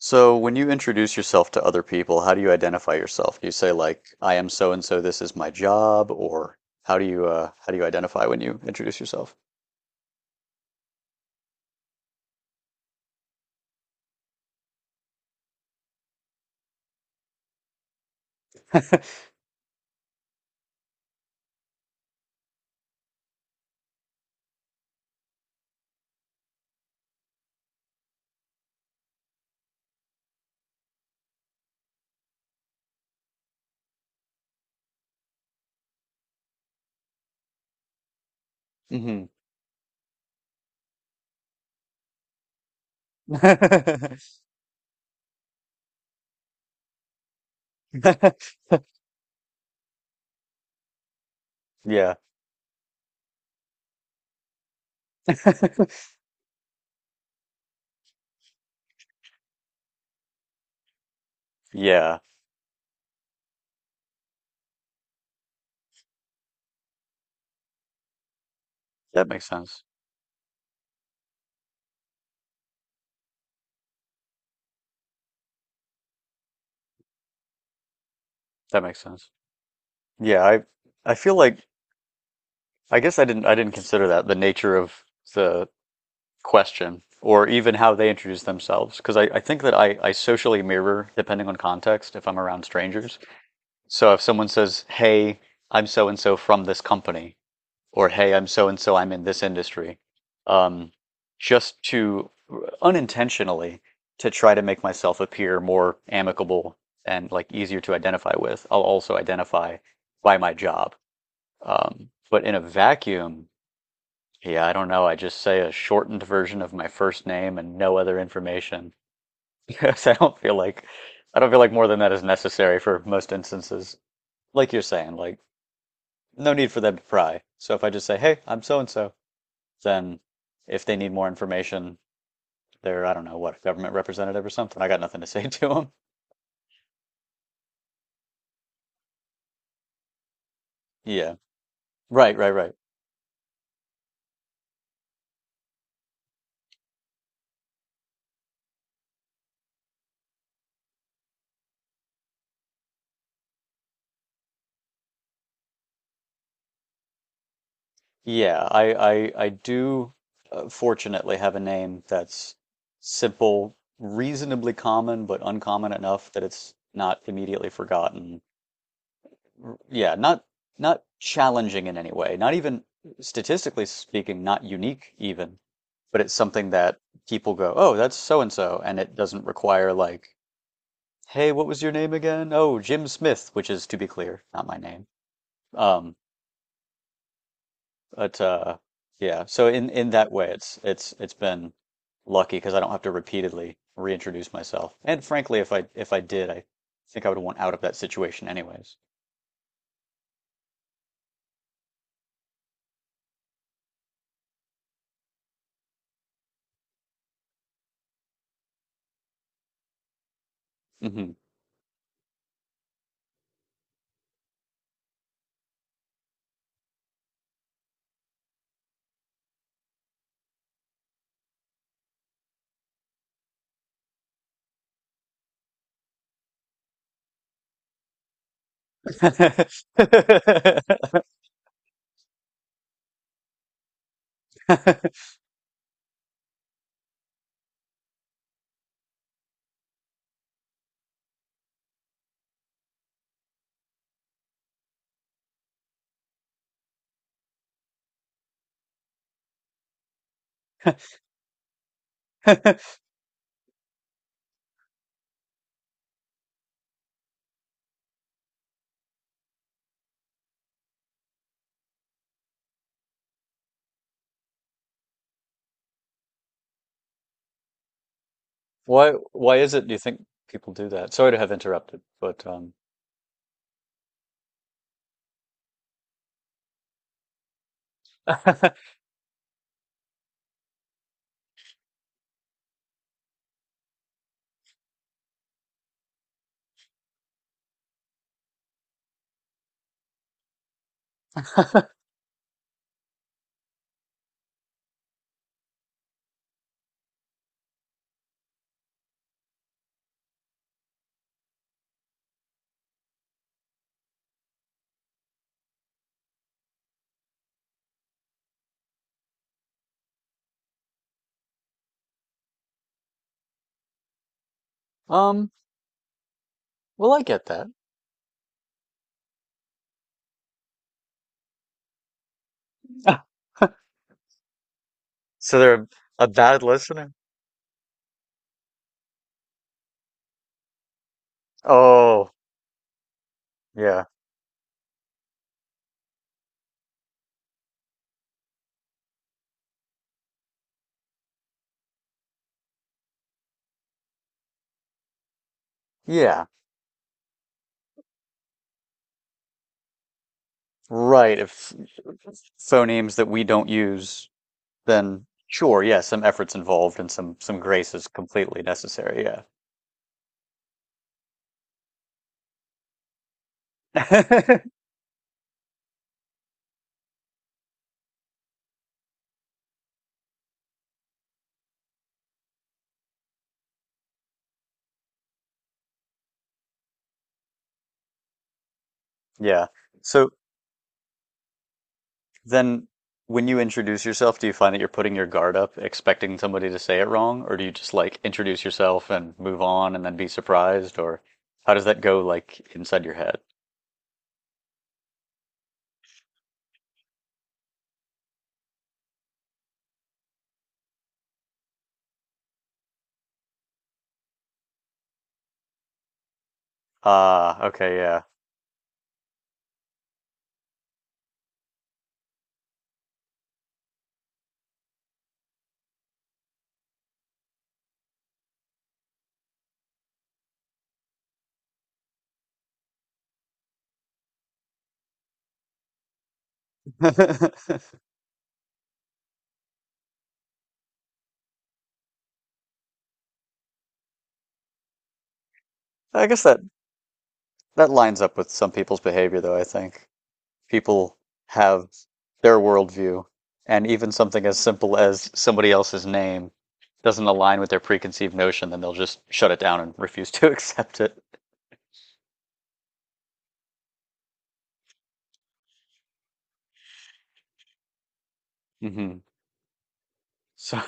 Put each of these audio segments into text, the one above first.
So, when you introduce yourself to other people, how do you identify yourself? Do you say like, "I am so and so. This is my job," or how do you identify when you introduce yourself? Hmm. Yeah, yeah, that makes sense. That makes sense. Yeah, I feel like I guess I didn't consider that the nature of the question or even how they introduce themselves because I think that I socially mirror depending on context if I'm around strangers. So if someone says, "Hey, I'm so and so from this company," or "Hey, I'm so and so, I'm in this industry," um, just to unintentionally to try to make myself appear more amicable and like easier to identify with, I'll also identify by my job. But in a vacuum, yeah, I don't know. I just say a shortened version of my first name and no other information because I don't feel like more than that is necessary for most instances. Like you're saying, like no need for them to pry. So if I just say, hey, I'm so and so, then if they need more information, they're, I don't know, what, a government representative or something. I got nothing to say to them. Yeah. Right, right, right. Yeah, I do fortunately have a name that's simple, reasonably common, but uncommon enough that it's not immediately forgotten. Yeah, not challenging in any way, not even statistically speaking, not unique even, but it's something that people go, "Oh, that's so and so," and it doesn't require like, "Hey, what was your name again?" "Oh, Jim Smith," which is to be clear, not my name. Um, but yeah, so in that way, it's been lucky because I don't have to repeatedly reintroduce myself. And frankly, if I did, I think I would want out of that situation anyways. Hmm. Why is it do you think people do that? Sorry to have interrupted, but um well I get that. So they're a bad listener? Oh, yeah. Yeah. Right. If phonemes that we don't use, then sure, yeah, some effort's involved and some grace is completely necessary, yeah. Yeah. So Then, when you introduce yourself, do you find that you're putting your guard up, expecting somebody to say it wrong, or do you just like introduce yourself and move on and then be surprised, or how does that go like inside your head? Ah, okay, yeah. I guess that lines up with some people's behavior, though, I think. People have their worldview, and even something as simple as somebody else's name doesn't align with their preconceived notion, then they'll just shut it down and refuse to accept it. Hmm. So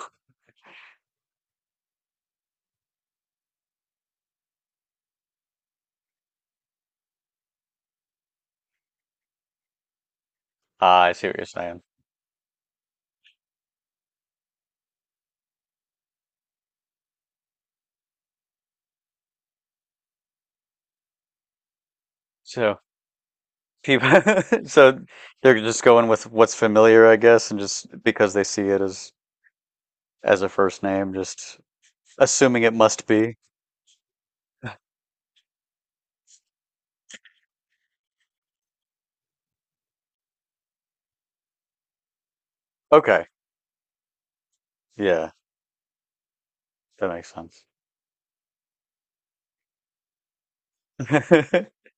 Ah, I see what you're saying. So people, so they're just going with what's familiar, I guess, and just because they see it as a first name, just assuming it must be. Okay. Yeah, that makes sense.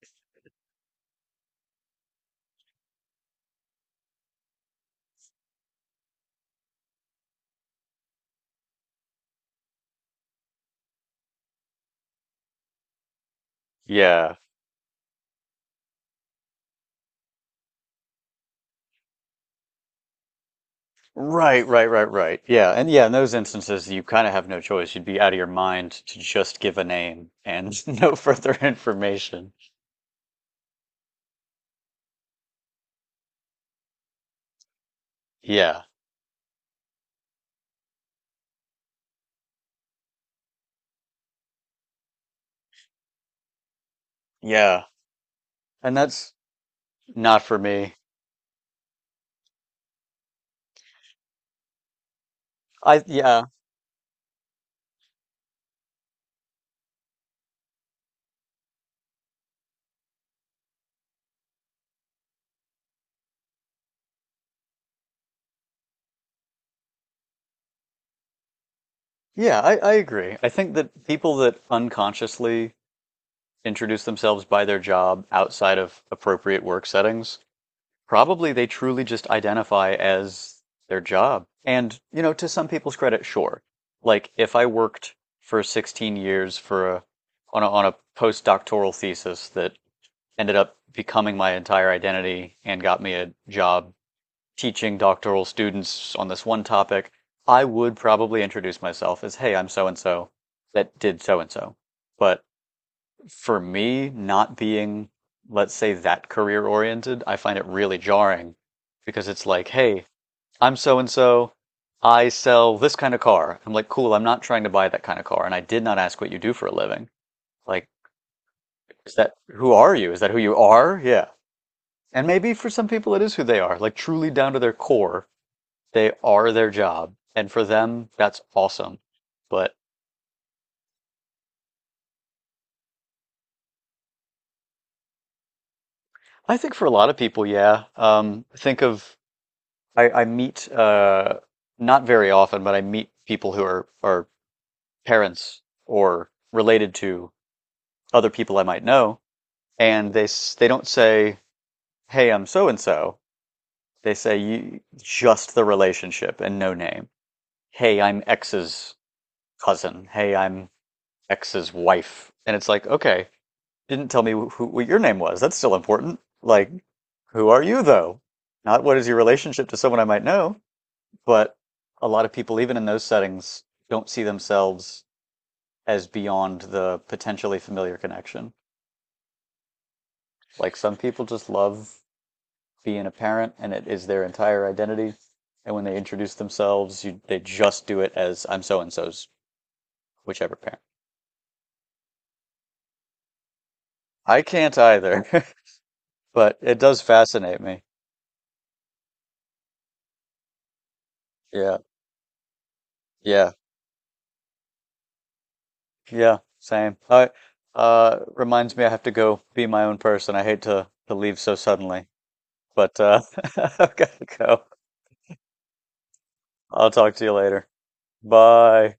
Yeah. Right, right, right, right. Yeah. And yeah, in those instances, you kind of have no choice. You'd be out of your mind to just give a name and no further information. Yeah. Yeah. And that's not for me. I yeah, yeah, I agree. I think that people that unconsciously introduce themselves by their job outside of appropriate work settings, probably they truly just identify as their job. And, to some people's credit, sure. Like if I worked for 16 years for a on a on a postdoctoral thesis that ended up becoming my entire identity and got me a job teaching doctoral students on this one topic, I would probably introduce myself as, hey, I'm so and so that did so and so. But for me, not being, let's say, that career oriented, I find it really jarring because it's like, hey, I'm so and so. I sell this kind of car. I'm like, cool, I'm not trying to buy that kind of car. And I did not ask what you do for a living. Like, is that who are you? Is that who you are? Yeah. And maybe for some people it is who they are, like truly down to their core. They are their job. And for them, that's awesome. But I think for a lot of people, yeah. Think of, I meet, not very often, but I meet people who are parents or related to other people I might know. And they don't say, hey, I'm so and so. They say just the relationship and no name. Hey, I'm X's cousin. Hey, I'm X's wife. And it's like, okay, didn't tell me who, what your name was. That's still important. Like, who are you though? Not what is your relationship to someone I might know, but a lot of people, even in those settings, don't see themselves as beyond the potentially familiar connection. Like some people just love being a parent and it is their entire identity. And when they introduce themselves, they just do it as I'm so and so's whichever parent. I can't either, but it does fascinate me. Yeah. Yeah. Yeah, same. Reminds me I have to go be my own person. I hate to leave so suddenly, but I've got to go. I'll talk to you later. Bye.